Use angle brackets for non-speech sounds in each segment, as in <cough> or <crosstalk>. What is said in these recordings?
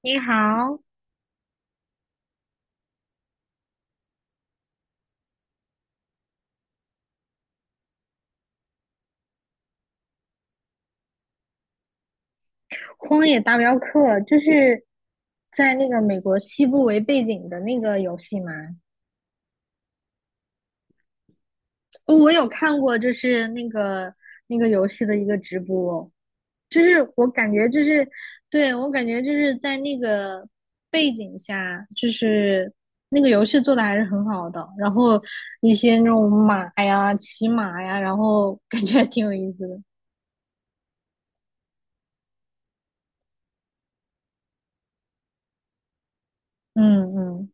你好。《荒野大镖客》就是在那个美国西部为背景的那个游戏吗？哦，我有看过，就是那个游戏的一个直播。就是我感觉就是，对，我感觉就是在那个背景下，就是那个游戏做的还是很好的，然后一些那种马呀、骑马呀，然后感觉还挺有意思的。嗯嗯。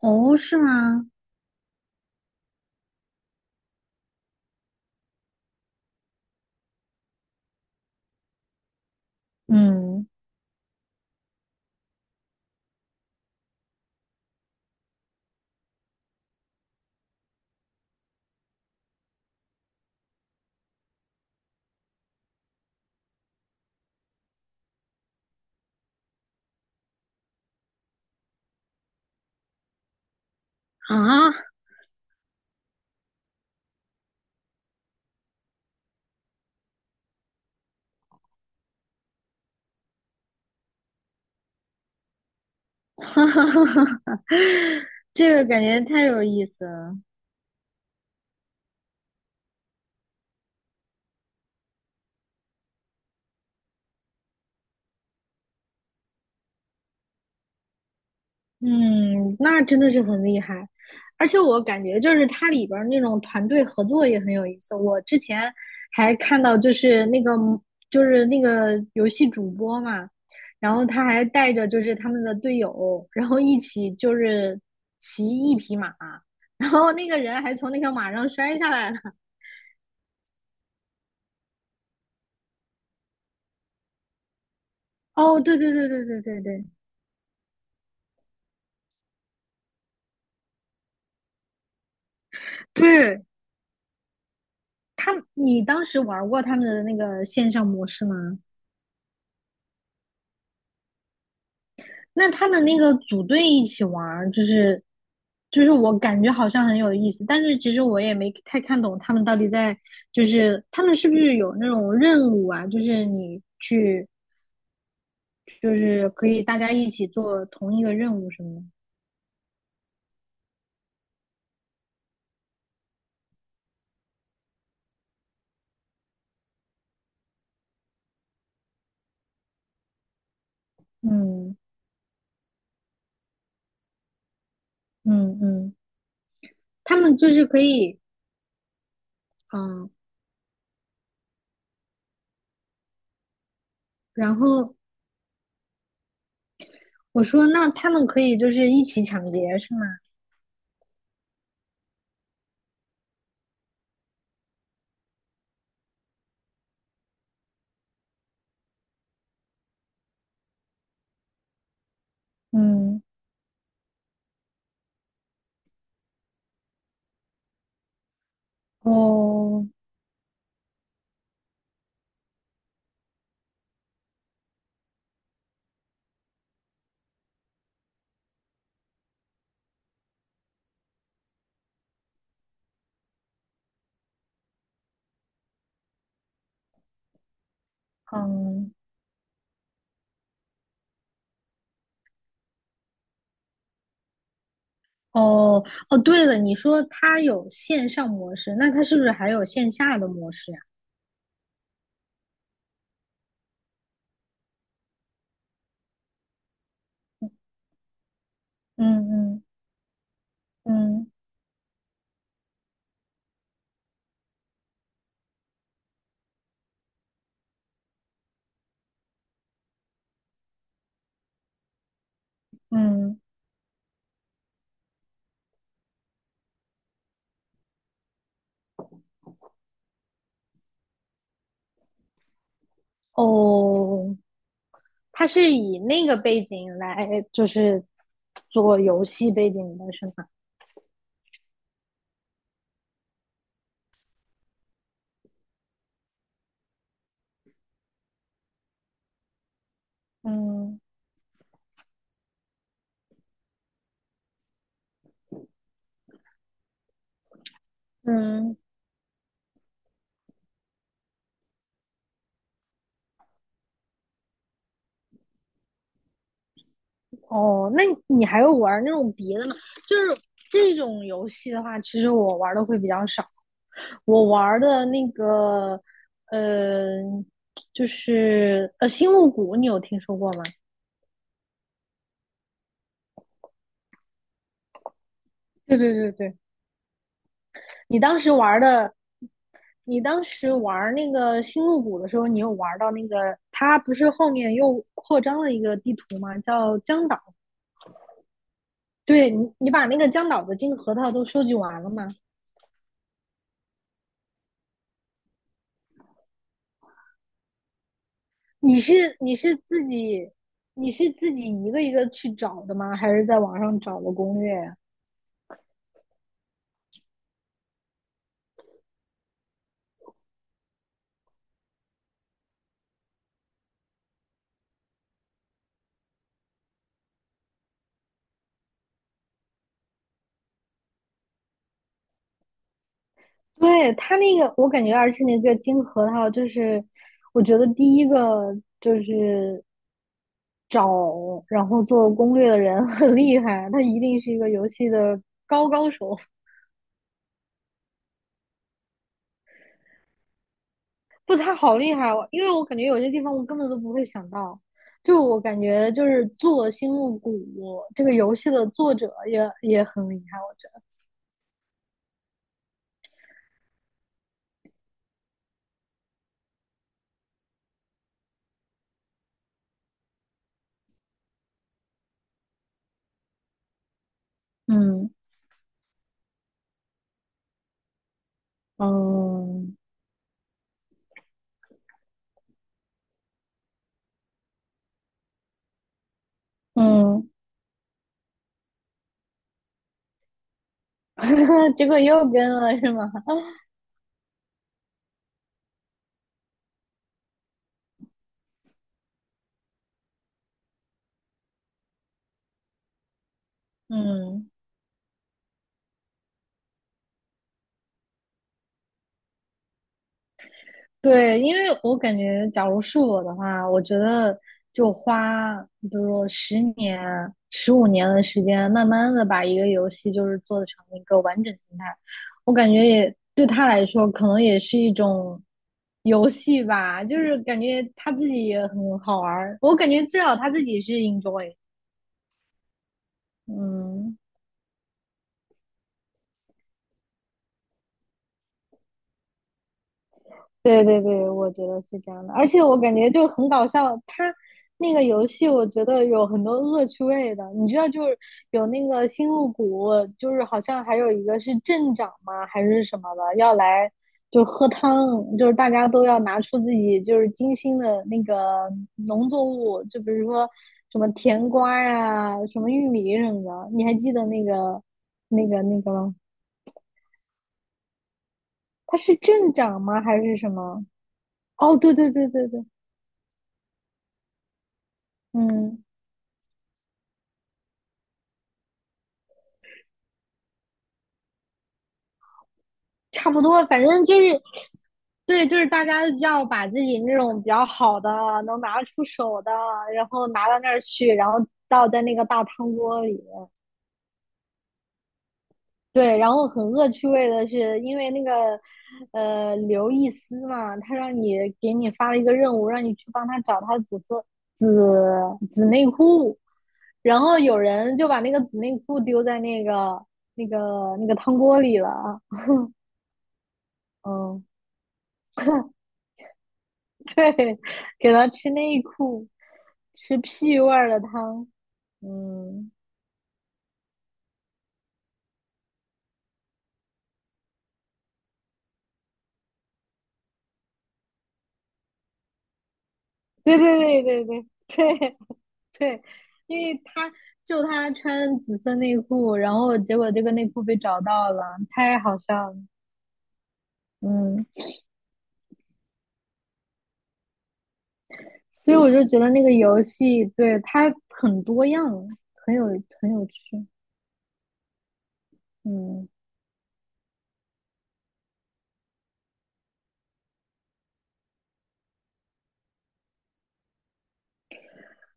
哦，是吗？嗯。啊。<laughs> <laughs> 哈哈哈哈哈，这个感觉太有意思了。嗯，那真的是很厉害。而且我感觉就是它里边儿那种团队合作也很有意思。我之前还看到，就是那个游戏主播嘛，然后他还带着就是他们的队友，然后一起就是骑一匹马，然后那个人还从那个马上摔下来了。哦，对对对对对对对对，他你当时玩过他们的那个线上模式吗？那他们那个组队一起玩，就是我感觉好像很有意思，但是其实我也没太看懂他们到底在，就是他们是不是有那种任务啊？就是你去，就是可以大家一起做同一个任务什么的。嗯嗯嗯。他们就是可以，嗯，然后我说那他们可以就是一起抢劫是吗？嗯。哦。嗯。哦哦，对了，你说它有线上模式，那它是不是还有线下的模式呀？嗯嗯嗯嗯。哦，它是以那个背景来就是做游戏背景的是吗？嗯。嗯。哦，那你还有玩那种别的吗？就是这种游戏的话，其实我玩的会比较少。我玩的那个，呃，就是星露谷》，你有听说过吗？对对对对。你当时玩的，你当时玩那个星露谷的时候，你有玩到那个，它不是后面又扩张了一个地图吗？叫江岛。对你，你把那个江岛的金核桃都收集完了吗？你是你是自己你是自己一个一个去找的吗？还是在网上找的攻略呀？对，它那个，我感觉而是那个金核桃，就是我觉得第一个就是找然后做攻略的人很厉害，他一定是一个游戏的高高手。不，他好厉害哦，因为我感觉有些地方我根本都不会想到。就我感觉，就是做《星露谷》这个游戏的作者也很厉害，我觉得。嗯嗯嗯。嗯嗯 <laughs> 结果又跟了是吗？嗯，对，因为我感觉，假如是我的话，我觉得就花，比如说10年、15年的时间，慢慢的把一个游戏就是做成一个完整形态，我感觉也对他来说，可能也是一种游戏吧，就是感觉他自己也很好玩儿，我感觉至少他自己是 enjoy。嗯对对对，我觉得是这样的。而且我感觉就很搞笑，它那个游戏我觉得有很多恶趣味的，你知道就是有那个星露谷，就是好像还有一个是镇长嘛还是什么的，要来就喝汤，就是大家都要拿出自己就是精心的那个农作物，就比如说什么甜瓜呀、什么玉米什么的，你还记得那个吗？他是镇长吗还是什么？哦，对对对对对。嗯。差不多，反正就是，对，就是大家要把自己那种比较好的、能拿出手的，然后拿到那儿去，然后倒在那个大汤锅里。对，然后很恶趣味的是，因为那个刘易斯嘛，他让你给你发了一个任务，让你去帮他找他紫色紫紫内裤，然后有人就把那个紫内裤丢在那个汤锅里了啊。嗯，<laughs> 对，给他吃内裤。吃屁味儿的汤。嗯。对对对对对 <laughs> 对对。因为他他穿紫色内裤，然后结果这个内裤被找到了，太好笑了。嗯。所以我就觉得那个游戏对它很多样，很有很有趣。嗯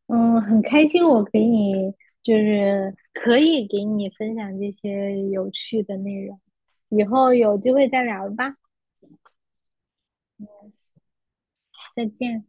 嗯。很开心我给你可以给你分享这些有趣的内容，以后有机会再聊吧。再见。